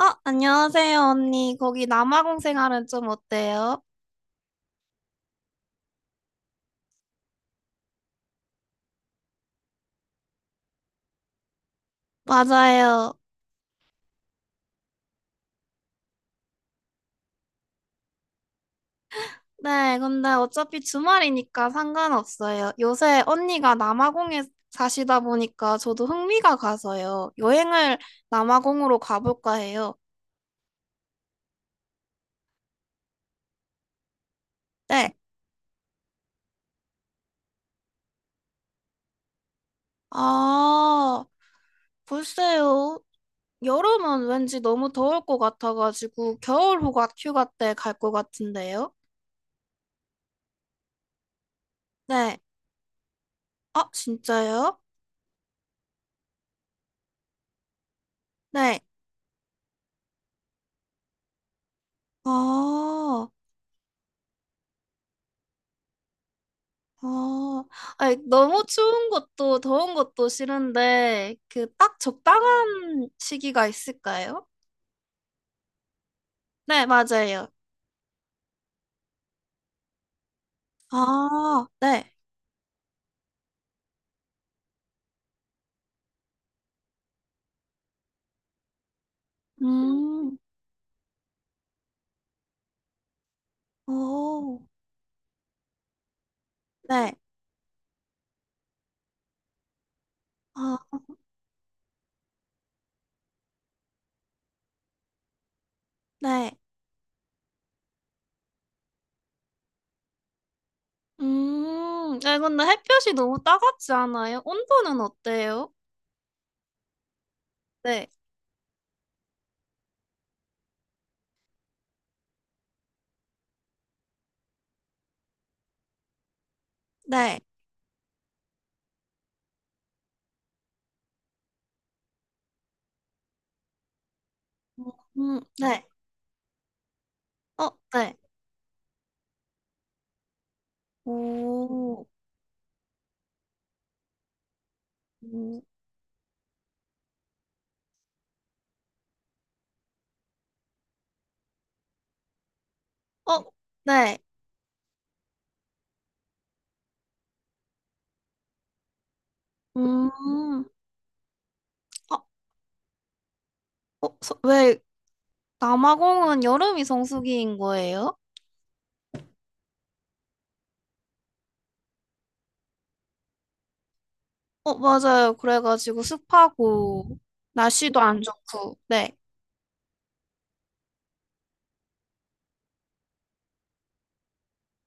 어, 안녕하세요, 언니. 거기 남아공 생활은 좀 어때요? 맞아요. 네, 근데 어차피 주말이니까 상관없어요. 요새 언니가 남아공에 사시다 보니까 저도 흥미가 가서요. 여행을 남아공으로 가볼까 해요. 네. 아, 글쎄요. 여름은 왠지 너무 더울 것 같아가지고 겨울 휴가 때 갈 것 같은데요? 네. 아, 진짜요? 네. 아. 아, 아니, 너무 추운 것도 더운 것도 싫은데, 그 딱 적당한 시기가 있을까요? 네, 맞아요. 아, 네. 음, 오, 네. 아, 네. 아 근데 햇볕이 너무 따갑지 않아요? 온도는 어때요? 네, 네. 음, 네. 어, 네. 오, 음, 어, 네. 음, 어, 어, 왜 남아공은 여름이 성수기인 거예요? 어, 맞아요. 그래가지고 습하고, 날씨도 안 좋고, 네.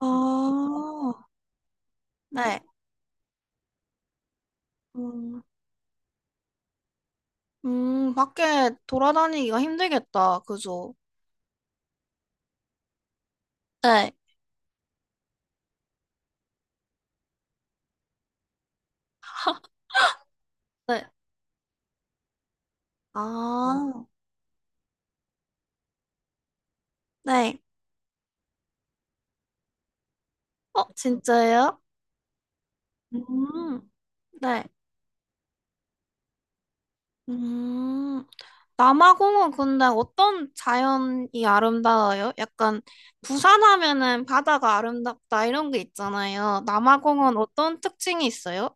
아, 네. 음, 밖에 돌아다니기가 힘들겠다. 그죠? 네. 네. 아, 네. 어, 진짜요? 음, 네. 음. 남아공은 근데 어떤 자연이 아름다워요? 약간 부산 하면은 바다가 아름답다 이런 게 있잖아요. 남아공은 어떤 특징이 있어요?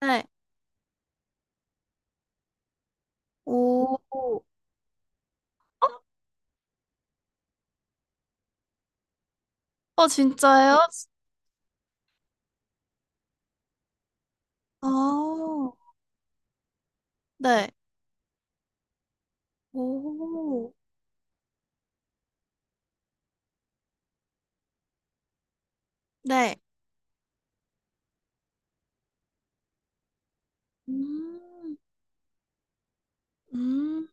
네. 오. 어, 어, 진짜요? 아, 네. 오. 네. 음. 음.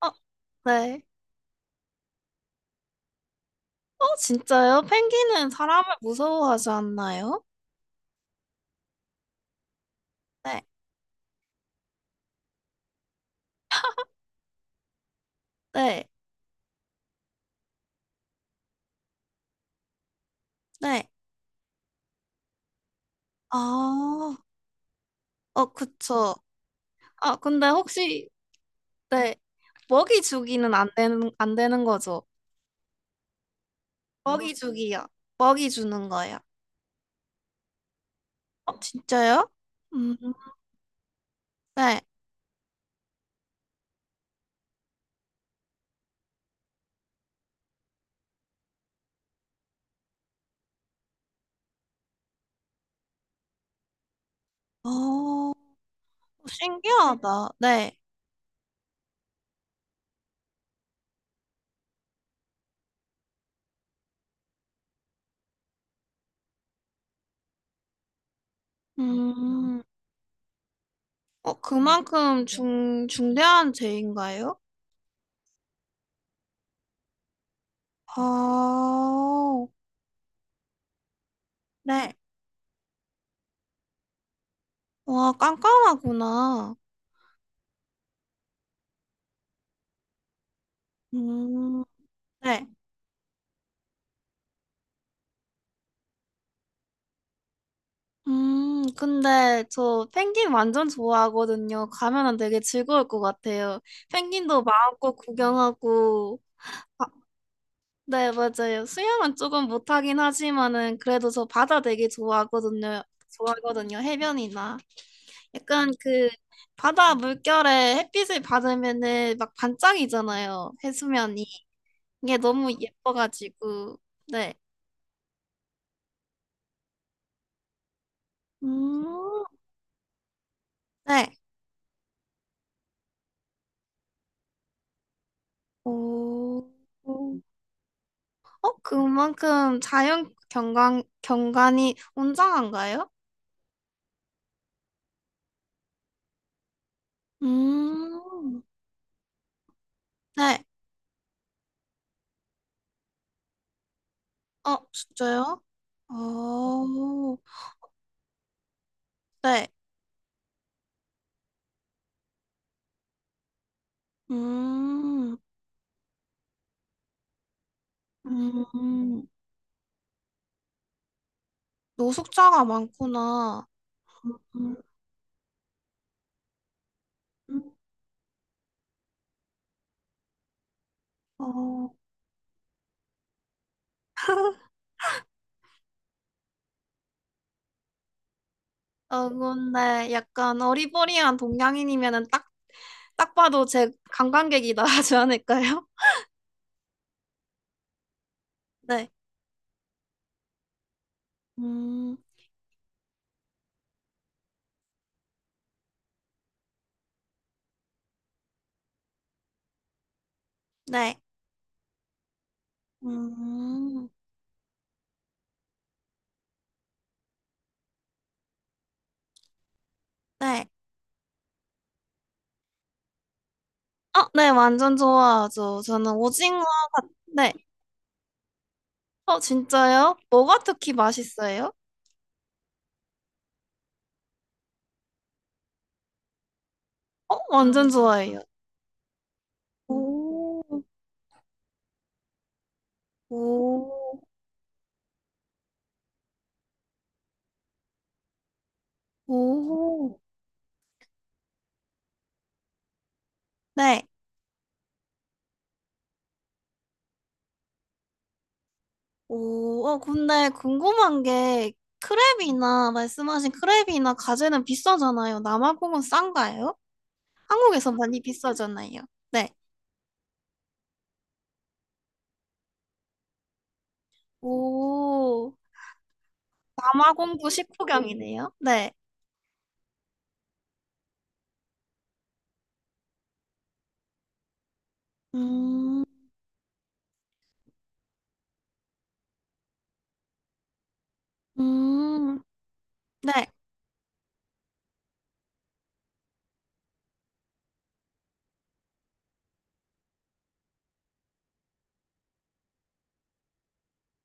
어, 네. 어, 진짜요? 펭귄은 사람을 무서워하지 않나요? 네. 네. 네. 아. 어, 그쵸. 아, 근데 혹시 네. 먹이 주기는 안 되는 거죠. 먹이 주기요. 먹이 주는 거예요. 어, 진짜요? 음, 네. 어, 신기하다. 네. 음, 어, 그만큼 중대한 죄인가요? 아, 네. 와, 깜깜하구나. 음, 네. 근데 저 펭귄 완전 좋아하거든요. 가면은 되게 즐거울 것 같아요. 펭귄도 마음껏 구경하고, 네, 맞아요. 수영은 조금 못하긴 하지만은 그래도 저 바다 되게 좋아하거든요. 좋아하거든요. 해변이나 약간 그 바다 물결에 햇빛을 받으면은 막 반짝이잖아요. 해수면이 이게 너무 예뻐가지고 네. 음, 네. 오, 오. 어 그만큼 자연 경관 경관이 웅장한가요? 음, 네. 어 진짜요? 어, 네. 음, 음, 노숙자가 많구나. 음, 음. 어, 어, 근데 약간 어리버리한 동양인이면은 딱, 딱 봐도 제 관광객이다 하지 않을까요? 네. 음, 네. 음, 네. 어, 네, 완전 좋아하죠. 저는 오징어, 네. 어, 진짜요? 뭐가 특히 맛있어요? 어, 완전 좋아해요. 오, 오, 오. 네. 오, 어, 근데 궁금한 게 크랩이나 말씀하신 크랩이나 가재는 비싸잖아요. 남아공은 싼가요? 한국에서 많이 비싸잖아요. 네. 오, 남아공도 식후경이네요. 네. 음, 음, 네.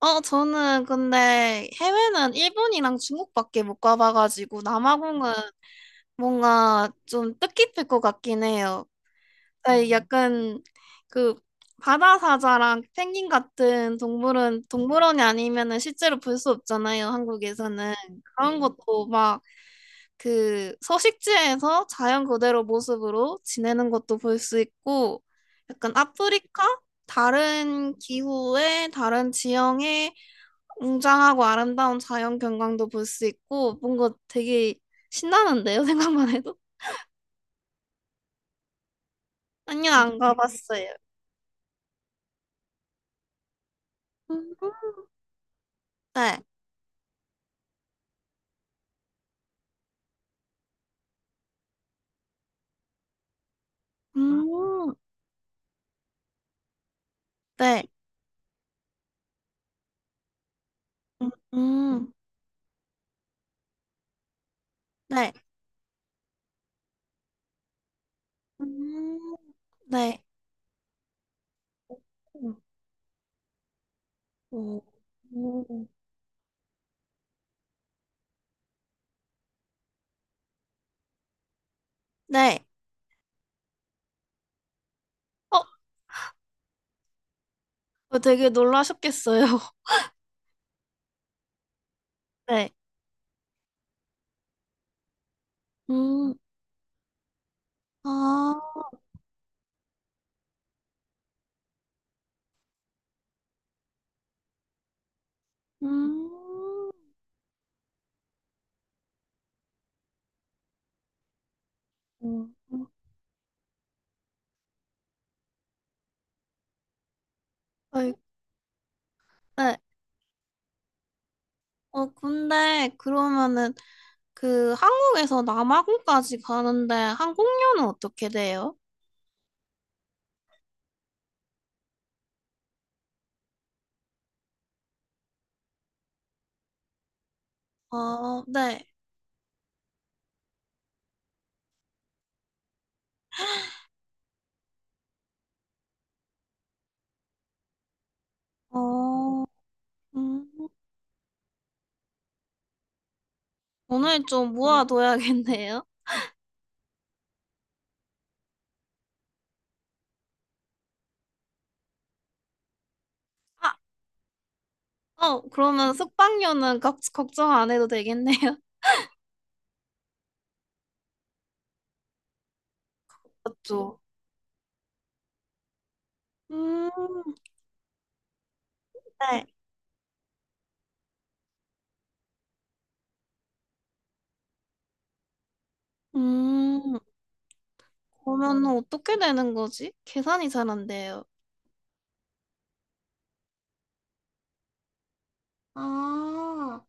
어, 저는 근데 해외는 일본이랑 중국밖에 못 가봐가지고 남아공은 뭔가 좀 뜻깊을 것 같긴 해요. 아 약간 그 바다사자랑 펭귄 같은 동물은 동물원이 아니면은 실제로 볼 수 없잖아요, 한국에서는. 그런 네. 것도 막 그 서식지에서 자연 그대로 모습으로 지내는 것도 볼 수 있고, 약간 아프리카? 다른 기후에, 다른 지형에 웅장하고 아름다운 자연 경관도 볼 수 있고, 뭔가 되게 신나는데요, 생각만 해도? 아니요, 안 가봤어요. 음, 네. 음. 네. 음, 음. 네. 음. 네. 음. 오. 오. 네. 어, 어, 되게 놀라셨겠어요. 네. 음. 아, 음. 음. 어이, 네. 어, 근데 그러면은 그 한국에서 남아공까지 가는데 항공료는 어떻게 돼요? 아, 네. 어, 음. 오늘 좀 모아둬야겠네요. 아, 어, 그러면 숙박료는 걱정 안 해도 되겠네요. 맞죠? 음, 네. 음, 그러면 어떻게 되는 거지? 계산이 잘 안 돼요. 아,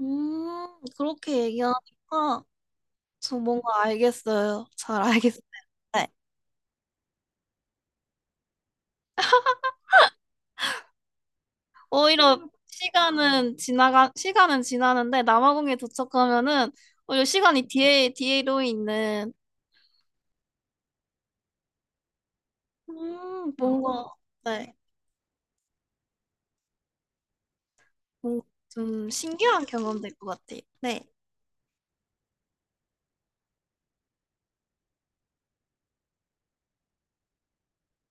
그렇게 얘기하니까 저 뭔가 알겠어요. 잘 알겠어요. 네. 오히려 시간은 지나는데 남아공에 도착하면은 오히려 시간이 뒤로 있는, 뭔가, 네, 뭔가 좀 신기한 경험 될 것 같아요. 네.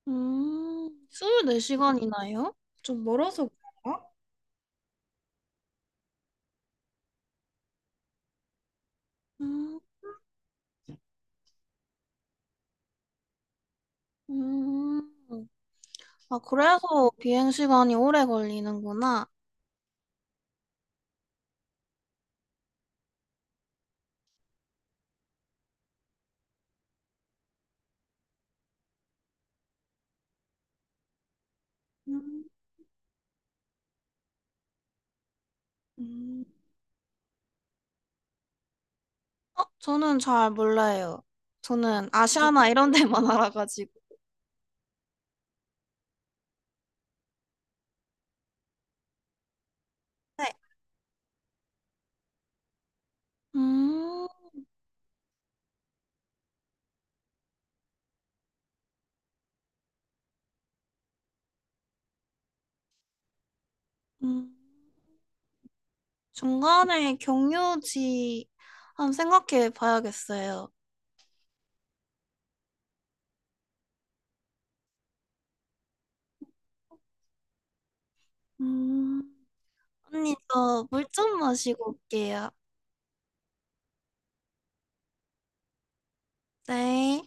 24시간이나요? 좀 멀어서 그래요 음, 음. 아, 그래서 비행시간이 오래 걸리는구나. 음. 음, 어, 저는 잘 몰라요. 저는 아시아나 이런 데만 알아가지고. 네. 음, 음. 중간에 경유지 한번 생각해 봐야겠어요. 음, 언니, 저 물 좀 마시고 올게요. 네.